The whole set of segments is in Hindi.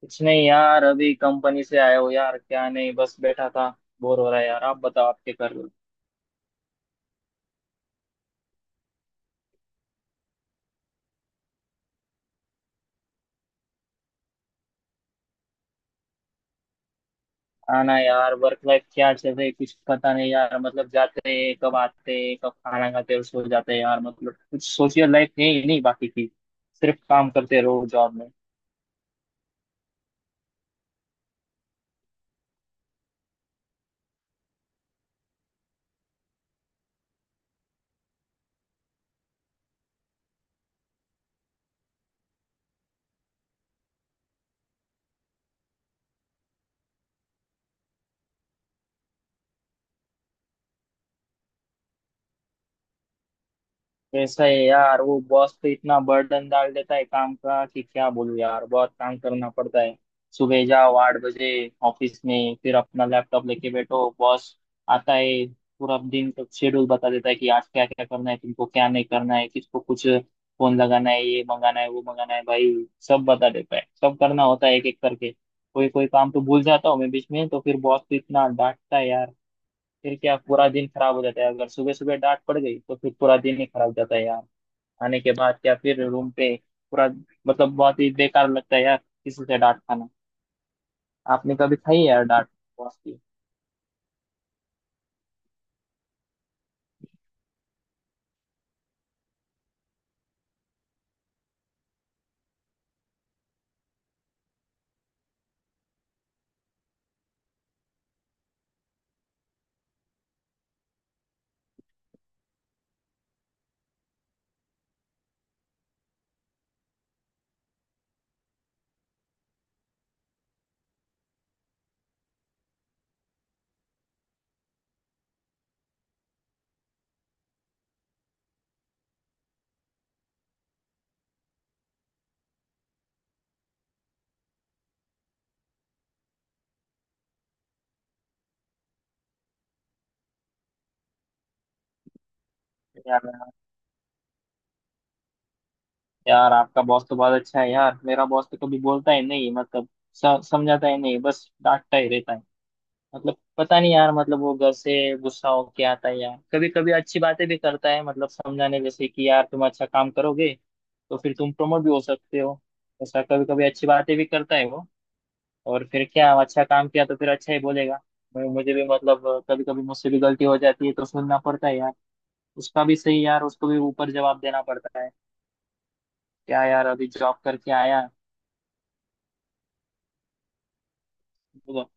कुछ नहीं यार, अभी कंपनी से आया हो यार। क्या नहीं, बस बैठा था। बोर हो रहा है यार। आप बताओ, आप क्या कर रहे हो? आना यार, वर्क लाइफ क्या चल रही है, कुछ पता नहीं यार। मतलब जाते हैं कब, आते हैं कब, खाना खाते हैं और सो जाते हैं यार। मतलब कुछ सोशल लाइफ है ही नहीं, बाकी की सिर्फ काम करते रहो जॉब में। कैसा है यार, वो बॉस तो इतना बर्डन डाल देता है काम का कि क्या बोलूं यार, बहुत काम करना पड़ता है। सुबह जाओ आठ बजे ऑफिस में, फिर अपना लैपटॉप लेके बैठो, बॉस आता है, पूरा दिन का शेड्यूल बता देता है कि आज क्या क्या करना है, तुमको क्या नहीं करना है, किसको कुछ फोन लगाना है, ये मंगाना है, वो मंगाना है भाई। सब बता देता है, सब करना होता है एक एक करके। कोई कोई काम तो भूल जाता हूँ मैं बीच में, तो फिर बॉस तो इतना डांटता है यार। फिर क्या, पूरा दिन खराब हो जाता है, अगर सुबह सुबह डांट पड़ गई तो फिर पूरा दिन ही खराब जाता है यार। आने के बाद या फिर रूम पे पूरा मतलब बहुत ही बेकार लगता है यार, किसी से डांट खाना। आपने कभी खाई है यार डांट बॉस की? यार यार आपका बॉस तो बहुत अच्छा है यार, मेरा बॉस तो कभी बोलता ही नहीं, मतलब समझाता ही नहीं, बस डांटता ही रहता है। मतलब पता नहीं यार, मतलब वो घर से गुस्सा हो के आता है यार। कभी कभी अच्छी बातें भी करता है, मतलब समझाने जैसे कि यार तुम अच्छा काम करोगे तो फिर तुम प्रमोट भी हो सकते हो, ऐसा कभी कभी अच्छी बातें भी करता है वो। और फिर क्या, अच्छा काम किया तो फिर अच्छा ही बोलेगा। मैं मुझे भी मतलब कभी कभी मुझसे भी गलती हो जाती है तो सुनना पड़ता है यार। उसका भी सही यार, उसको भी ऊपर जवाब देना पड़ता है क्या यार, अभी जॉब करके आया। तो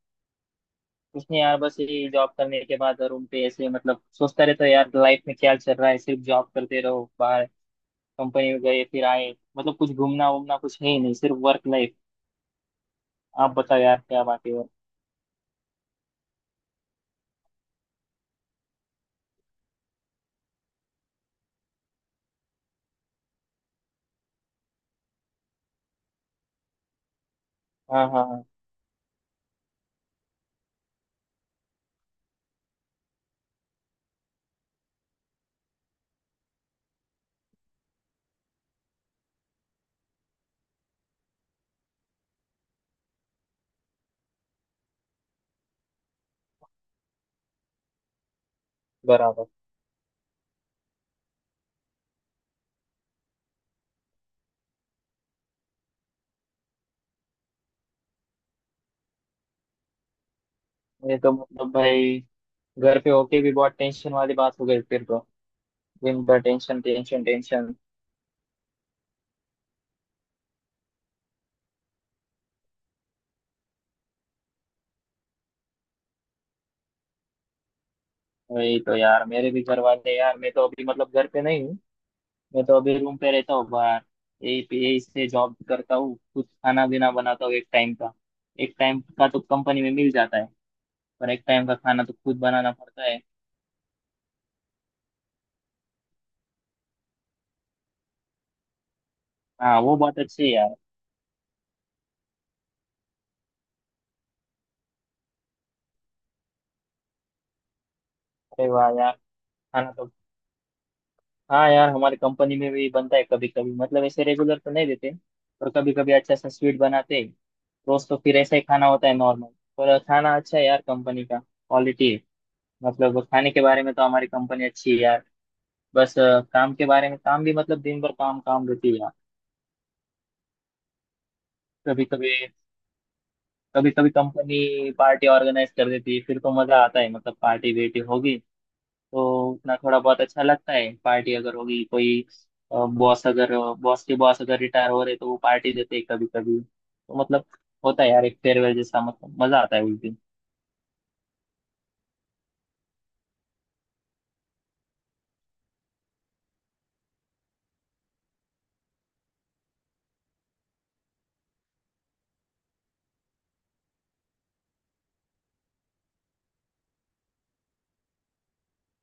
उसने यार, बस ये जॉब करने के बाद रूम पे ऐसे मतलब सोचता रहता है यार, लाइफ में क्या चल रहा है, सिर्फ जॉब करते रहो, बाहर कंपनी में गए फिर आए, मतलब कुछ घूमना वूमना कुछ है ही नहीं, सिर्फ वर्क लाइफ। आप बताओ यार, क्या बात है और? हाँ हाँ हाँ। बराबर। ये तो मतलब भाई घर पे होके भी बहुत टेंशन वाली बात हो गई, फिर तो दिन भर टेंशन टेंशन टेंशन। वही तो यार, मेरे भी घर वाले यार, मैं तो अभी मतलब घर पे नहीं हूँ, मैं तो अभी रूम पे रहता हूँ बाहर। यही से जॉब करता हूँ, कुछ खाना पीना बनाता हूँ एक टाइम का। एक टाइम का तो कंपनी में मिल जाता है, पर एक टाइम का खाना तो खुद बनाना पड़ता है। हाँ, वो बात अच्छी है यार। अरे वाह यार। खाना तो हाँ यार, हमारी कंपनी में भी बनता है कभी कभी, मतलब ऐसे रेगुलर तो नहीं देते, पर कभी कभी अच्छा सा स्वीट बनाते हैं। रोज तो फिर ऐसा ही खाना होता है नॉर्मल। पर खाना अच्छा है यार, कंपनी का क्वालिटी है। मतलब खाने के बारे में तो हमारी कंपनी अच्छी है यार। बस काम के बारे में, काम भी मतलब दिन भर काम काम रहती है यार। कभी कभी कभी कभी कंपनी पार्टी ऑर्गेनाइज कर देती है फिर तो मजा आता है, मतलब पार्टी बेटी होगी तो उतना थोड़ा बहुत अच्छा लगता है, पार्टी अगर होगी कोई। बॉस अगर बॉस के बॉस अगर रिटायर हो रहे तो वो पार्टी देते हैं कभी कभी, तो मतलब होता है यार एक फेयरवेल जैसा, मतलब मजा आता है उस दिन।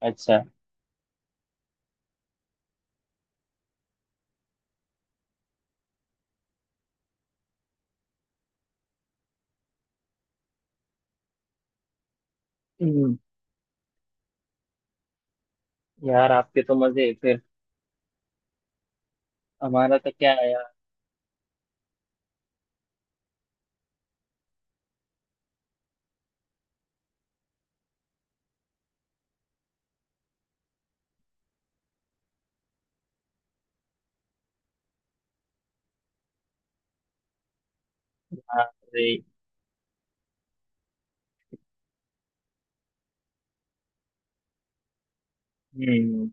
अच्छा। हम्म, यार आपके तो मजे हैं फिर। हमारा तो क्या है यार। हाँ, अरे। हम्म।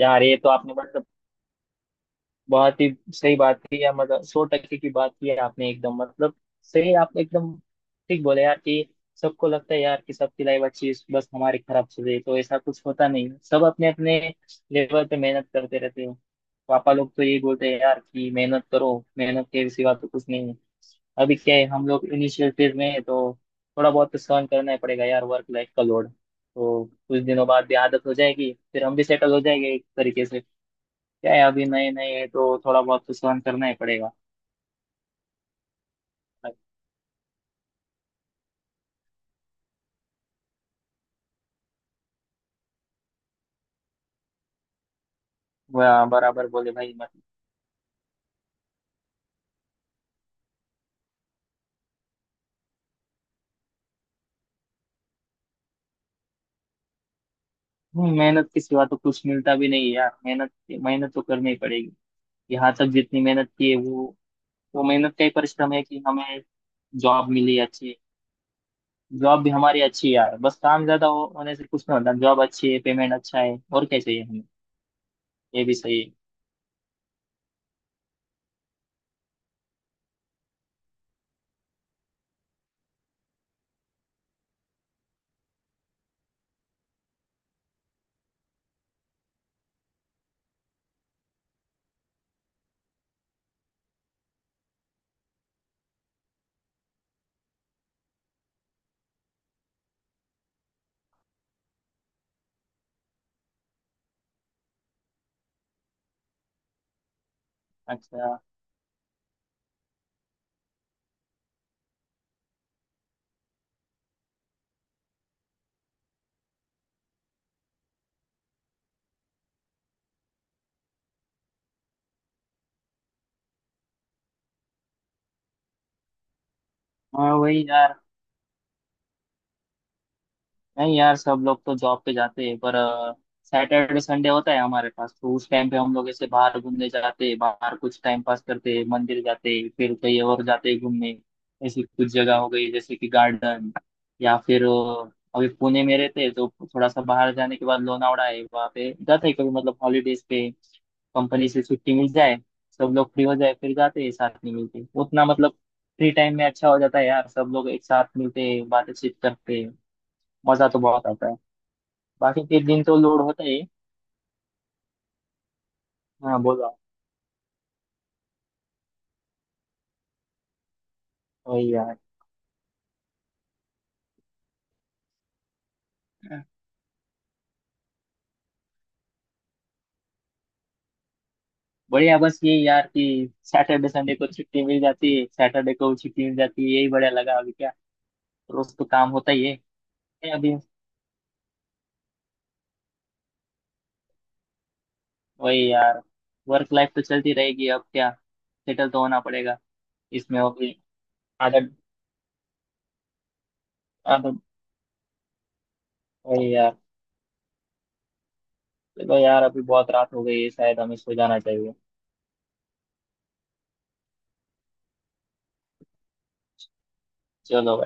यार ये तो आपने मतलब बहुत ही सही बात की है, मतलब सौ टक्के की बात की है आपने एकदम, मतलब सही, आप एकदम ठीक बोले यार कि सबको लगता है यार कि सबकी लाइफ अच्छी है, बस हमारी खराब चल रही है, तो ऐसा कुछ होता नहीं है। सब अपने अपने लेवल पे मेहनत करते रहते हैं। पापा लोग तो यही बोलते हैं यार कि मेहनत करो, मेहनत के सिवा तो कुछ नहीं है। अभी क्या है, हम लोग इनिशियल फेज में है तो थोड़ा बहुत तो सहन करना ही पड़ेगा यार वर्क लाइफ का लोड। तो कुछ दिनों बाद भी आदत हो जाएगी, फिर हम भी सेटल हो जाएंगे एक तरीके से। क्या है, अभी नए नए है तो थोड़ा बहुत तो सहन करना ही पड़ेगा। वह बराबर बोले भाई मत। मेहनत के सिवा तो कुछ मिलता भी नहीं है यार, मेहनत मेहनत तो करनी ही पड़ेगी। यहाँ तक जितनी मेहनत की है वो मेहनत का ही परिश्रम है कि हमें जॉब मिली अच्छी। जॉब भी हमारी अच्छी है यार, बस काम ज्यादा होने से कुछ नहीं होता, जॉब अच्छी है, पेमेंट अच्छा है, और क्या चाहिए हमें। ये भी सही है। अच्छा। हाँ। वही यार। नहीं यार, सब लोग तो जॉब पे जाते हैं, पर सैटरडे संडे होता है हमारे पास, तो उस टाइम पे हम लोग ऐसे बाहर घूमने जाते हैं, बाहर कुछ टाइम पास करते हैं, मंदिर जाते हैं, फिर कहीं और जाते हैं घूमने। ऐसी कुछ जगह हो गई जैसे कि गार्डन, या फिर अभी पुणे में रहते हैं तो थोड़ा सा बाहर जाने के बाद लोनावड़ा है, वहाँ पे जाते हैं कभी, मतलब हॉलीडेज पे, कंपनी से छुट्टी मिल जाए, सब लोग फ्री हो जाए फिर जाते हैं साथ में, मिलते उतना मतलब। फ्री टाइम में अच्छा हो जाता है यार, सब लोग एक साथ मिलते हैं, बातचीत करते हैं, मजा तो बहुत आता है। बाकी के दिन तो लोड होता ही है। हाँ बोलो आप। वही यार। बढ़िया बस ये यार कि सैटरडे संडे को छुट्टी मिल जाती है, सैटरडे को छुट्टी मिल जाती है, यही बढ़िया लगा अभी, क्या रोज तो काम होता ही है। है अभी। वही यार। वर्क लाइफ तो चलती रहेगी, अब क्या, सेटल तो होना पड़ेगा इसमें अभी। आदत आदत, वही यार। चलो यार, अभी बहुत रात हो गई है, शायद हमें सो जाना चाहिए। चलो।